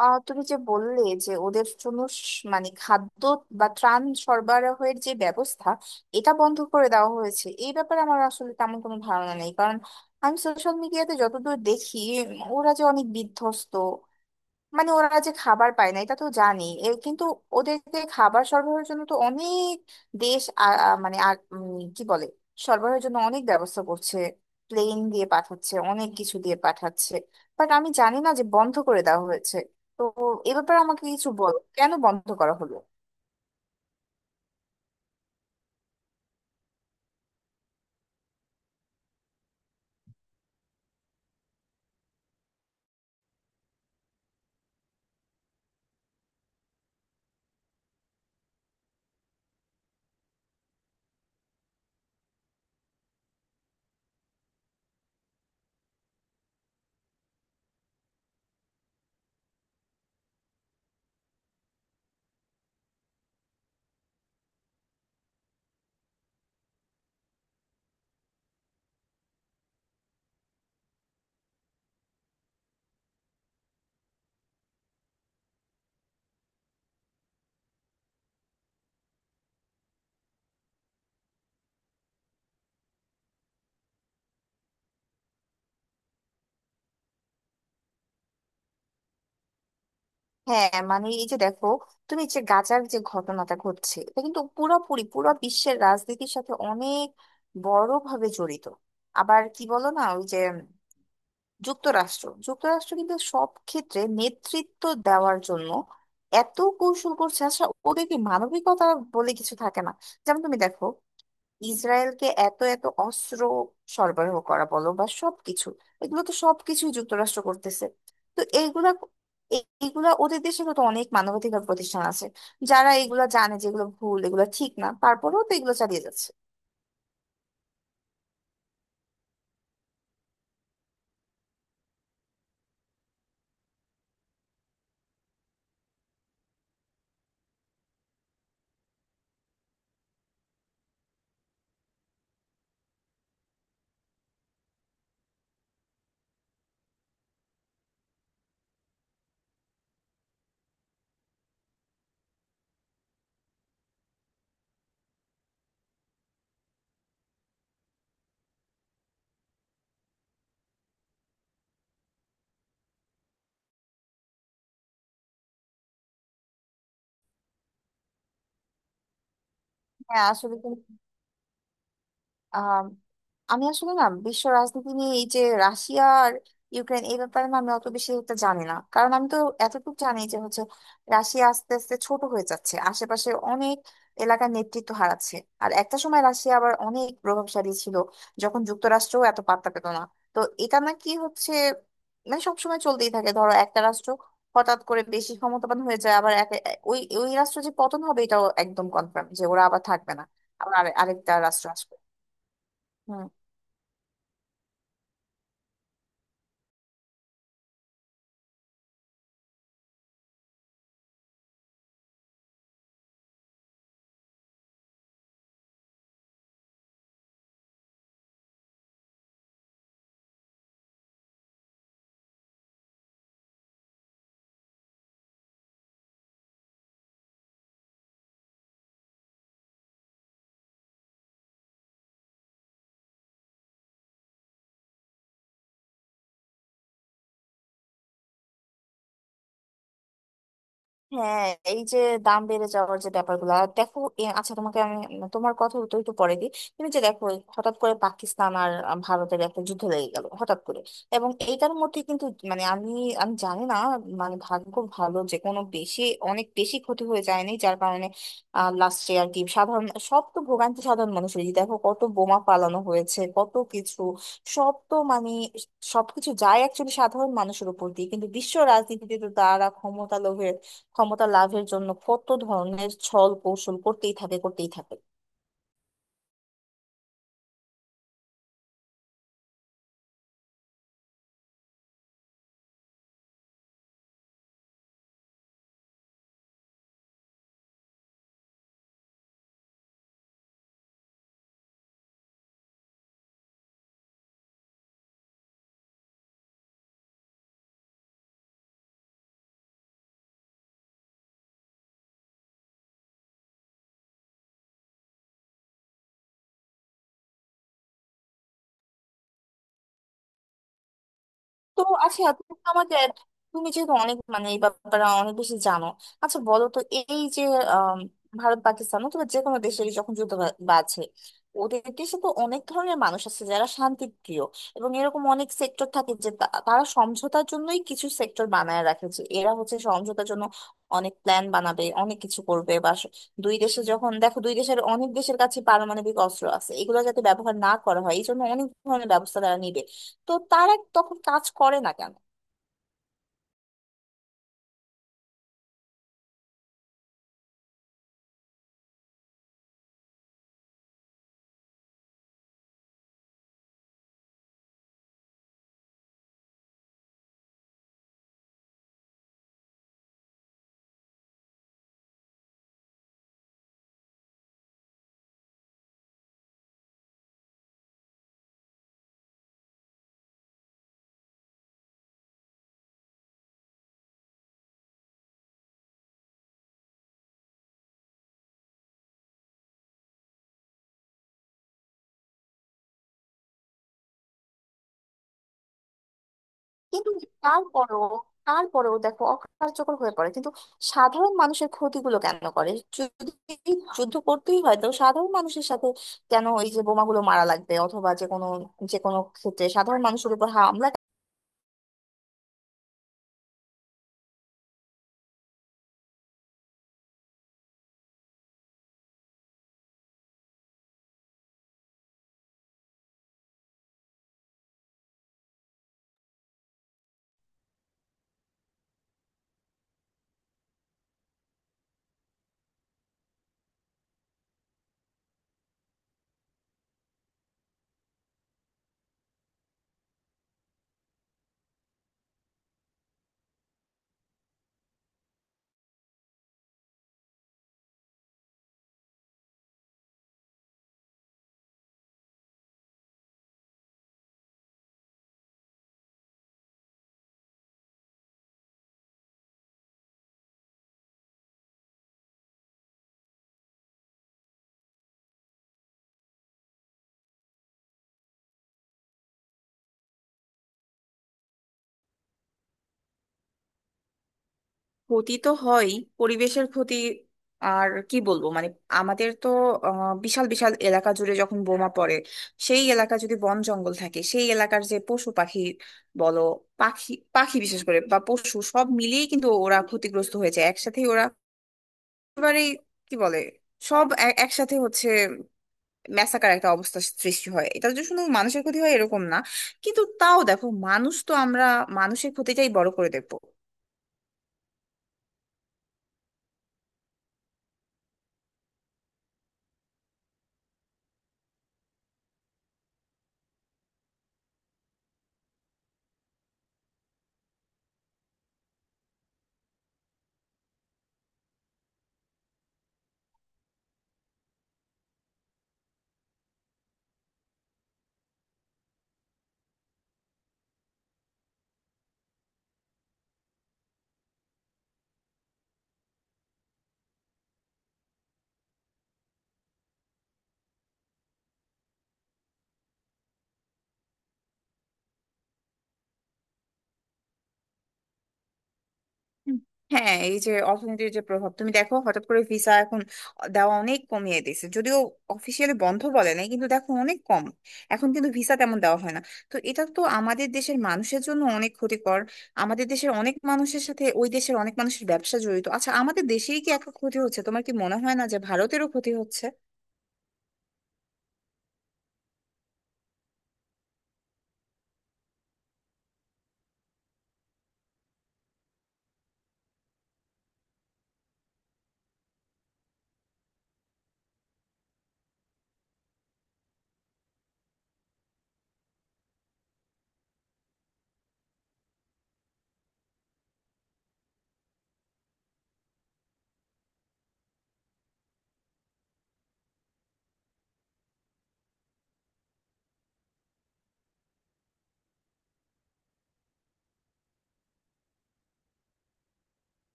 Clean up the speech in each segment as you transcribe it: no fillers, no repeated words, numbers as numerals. তুমি যে বললে যে ওদের জন্য মানে খাদ্য বা ত্রাণ সরবরাহের যে ব্যবস্থা, এটা বন্ধ করে দেওয়া হয়েছে এই ব্যাপারে আমার আসলে তেমন কোনো ধারণা নেই, কারণ আমি সোশ্যাল মিডিয়াতে যতদূর দেখি, ওরা যে অনেক বিধ্বস্ত, মানে ওরা যে খাবার পায় না এটা তো জানি। এ কিন্তু ওদেরকে খাবার সরবরাহের জন্য তো অনেক দেশ মানে কি বলে, সরবরাহের জন্য অনেক ব্যবস্থা করছে, প্লেন দিয়ে পাঠাচ্ছে, অনেক কিছু দিয়ে পাঠাচ্ছে। বাট আমি জানি না যে বন্ধ করে দেওয়া হয়েছে। তো এ ব্যাপারে আমাকে কিছু বল, কেন বন্ধ করা হলো। হ্যাঁ মানে এই যে দেখো, তুমি যে গাজার যে ঘটনাটা ঘটছে এটা কিন্তু পুরোপুরি পুরো বিশ্বের রাজনীতির সাথে অনেক বড় ভাবে জড়িত। আবার কি বলো না, ওই যে যুক্তরাষ্ট্র যুক্তরাষ্ট্র কিন্তু সব ক্ষেত্রে নেতৃত্ব দেওয়ার জন্য এত কৌশল করছে। আচ্ছা, ওদের কি মানবিকতা বলে কিছু থাকে না? যেমন তুমি দেখো, ইসরায়েলকে এত এত অস্ত্র সরবরাহ করা বলো বা সবকিছু, এগুলো তো সবকিছুই যুক্তরাষ্ট্র করতেছে। তো এইগুলা, ওদের দেশে তো অনেক মানবাধিকার প্রতিষ্ঠান আছে যারা এগুলা জানে, যেগুলো ভুল এগুলো ঠিক না, তারপরেও তো এগুলো চালিয়ে যাচ্ছে। হ্যাঁ আসলে, আম, আমি আসলে না বিশ্ব রাজনীতি নিয়ে এই যে রাশিয়া আর ইউক্রেন এই ব্যাপারে না আমি অত বেশি একটা জানি না, কারণ আমি তো এতটুকু জানি যে হচ্ছে রাশিয়া আস্তে আস্তে ছোট হয়ে যাচ্ছে, আশেপাশে অনেক এলাকার নেতৃত্ব হারাচ্ছে। আর একটা সময় রাশিয়া আবার অনেক প্রভাবশালী ছিল, যখন যুক্তরাষ্ট্রও এত পাত্তা পেত না। তো এটা নাকি হচ্ছে, মানে সবসময় চলতেই থাকে। ধরো একটা রাষ্ট্র হঠাৎ করে বেশি ক্ষমতাবান হয়ে যায়, আবার এক- ওই ওই রাষ্ট্র যে পতন হবে এটাও একদম কনফার্ম, যে ওরা আবার থাকবে না, আবার আরেকটা রাষ্ট্র আসবে। হ্যাঁ এই যে দাম বেড়ে যাওয়ার যে ব্যাপারগুলো, আর দেখো আচ্ছা তোমাকে আমি, তোমার কথা তো একটু পরে দিই। তুমি যে দেখো এই হঠাৎ করে পাকিস্তান আর ভারতের একটা যুদ্ধ লেগে গেল হঠাৎ করে, এবং এইটার মধ্যে কিন্তু, মানে আমি আমি জানি না। মানে ভাগ্য ভালো যে কোনো বেশি, অনেক বেশি ক্ষতি হয়ে যায়নি, যার কারণে লাস্টে আর কি, সাধারণ সব তো ভোগান্তি সাধারণ মানুষেরই। দেখো কত বোমা পালানো হয়েছে কত কিছু, সব তো মানে সবকিছু যায় একচুয়ালি সাধারণ মানুষের উপর দিয়ে। কিন্তু বিশ্ব রাজনীতিতে তো তারা ক্ষমতা লোভে, ক্ষমতা লাভের জন্য কত ধরনের ছল কৌশল করতেই থাকে, করতেই থাকে। তো আচ্ছা, তুমি তো আমাদের, তুমি যেহেতু অনেক মানে এই ব্যাপারে অনেক বেশি জানো, আচ্ছা বলো তো এই যে আম, ভারত পাকিস্তান অথবা যে কোনো দেশের যখন যুদ্ধ বাজে, ওদের দেশে তো অনেক ধরনের মানুষ আছে যারা শান্তিপ্রিয়। এবং এরকম অনেক সেক্টর থাকে যে তারা সমঝোতার জন্যই কিছু সেক্টর বানায় রাখে, যে এরা হচ্ছে সমঝোতার জন্য অনেক প্ল্যান বানাবে অনেক কিছু করবে বা দুই দেশে যখন দেখো, দুই দেশের, অনেক দেশের কাছে পারমাণবিক অস্ত্র আছে, এগুলো যাতে ব্যবহার না করা হয় এই জন্য অনেক ধরনের ব্যবস্থা তারা নিবে। তো তারা তখন কাজ করে না কেন? কিন্তু তারপরেও তারপরেও দেখো অকার্যকর হয়ে পড়ে, কিন্তু সাধারণ মানুষের ক্ষতিগুলো কেন করে? যদি যুদ্ধ করতেই হয় তো সাধারণ মানুষের সাথে কেন এই যে বোমাগুলো মারা লাগবে, অথবা যে কোনো, যে কোনো ক্ষেত্রে সাধারণ মানুষের উপর হামলা? ক্ষতি তো হয়, পরিবেশের ক্ষতি। আর কি বলবো মানে আমাদের তো বিশাল বিশাল এলাকা জুড়ে যখন বোমা পড়ে, সেই এলাকা যদি বন জঙ্গল থাকে সেই এলাকার যে পশু পাখি বলো, পাখি পাখি বিশেষ করে বা পশু, সব মিলিয়ে কিন্তু ওরা ক্ষতিগ্রস্ত হয়েছে একসাথে। ওরা একেবারেই কি বলে, সব একসাথে হচ্ছে, ম্যাসাকার একটা অবস্থা সৃষ্টি হয়। এটা যে শুধু মানুষের ক্ষতি হয় এরকম না, কিন্তু তাও দেখো, মানুষ তো আমরা মানুষের ক্ষতিটাই বড় করে দেবো। হুম। হ্যাঁ, এই যে অর্থনীতির যে প্রভাব, তুমি দেখো হঠাৎ করে ভিসা এখন দেওয়া অনেক কমিয়ে দিয়েছে, যদিও অফিসিয়ালি বন্ধ বলে নাই কিন্তু দেখো অনেক কম, এখন কিন্তু ভিসা তেমন দেওয়া হয় না। তো এটা তো আমাদের দেশের মানুষের জন্য অনেক ক্ষতিকর, আমাদের দেশের অনেক মানুষের সাথে ওই দেশের অনেক মানুষের ব্যবসা জড়িত। আচ্ছা, আমাদের দেশেই কি এত ক্ষতি হচ্ছে? তোমার কি মনে হয় না যে ভারতেরও ক্ষতি হচ্ছে?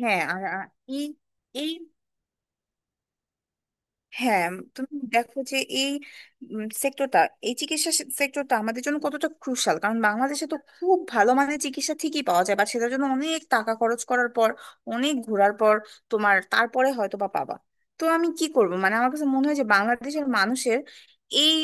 হ্যাঁ, আর আর এই এই, হ্যাঁ, তুমি দেখো যে এই সেক্টরটা, এই চিকিৎসা সেক্টরটা আমাদের জন্য কতটা ক্রুশাল, কারণ বাংলাদেশে তো খুব ভালো মানের চিকিৎসা ঠিকই পাওয়া যায় বাট সেটার জন্য অনেক টাকা খরচ করার পর, অনেক ঘোরার পর, তোমার তারপরে হয়তো বা পাবা। তো আমি কি করব, মানে আমার কাছে মনে হয় যে বাংলাদেশের মানুষের এই,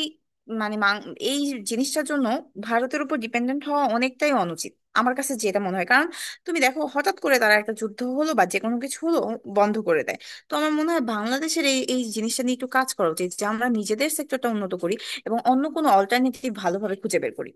মানে এই জিনিসটার জন্য ভারতের উপর ডিপেন্ডেন্ট হওয়া অনেকটাই অনুচিত আমার কাছে, যেটা মনে হয়, কারণ তুমি দেখো হঠাৎ করে তারা একটা যুদ্ধ হলো বা যে কোনো কিছু হলো, বন্ধ করে দেয়। তো আমার মনে হয় বাংলাদেশের এই এই জিনিসটা নিয়ে একটু কাজ করা উচিত, যে আমরা নিজেদের সেক্টরটা উন্নত করি এবং অন্য কোনো অল্টারনেটিভ ভালোভাবে খুঁজে বের করি।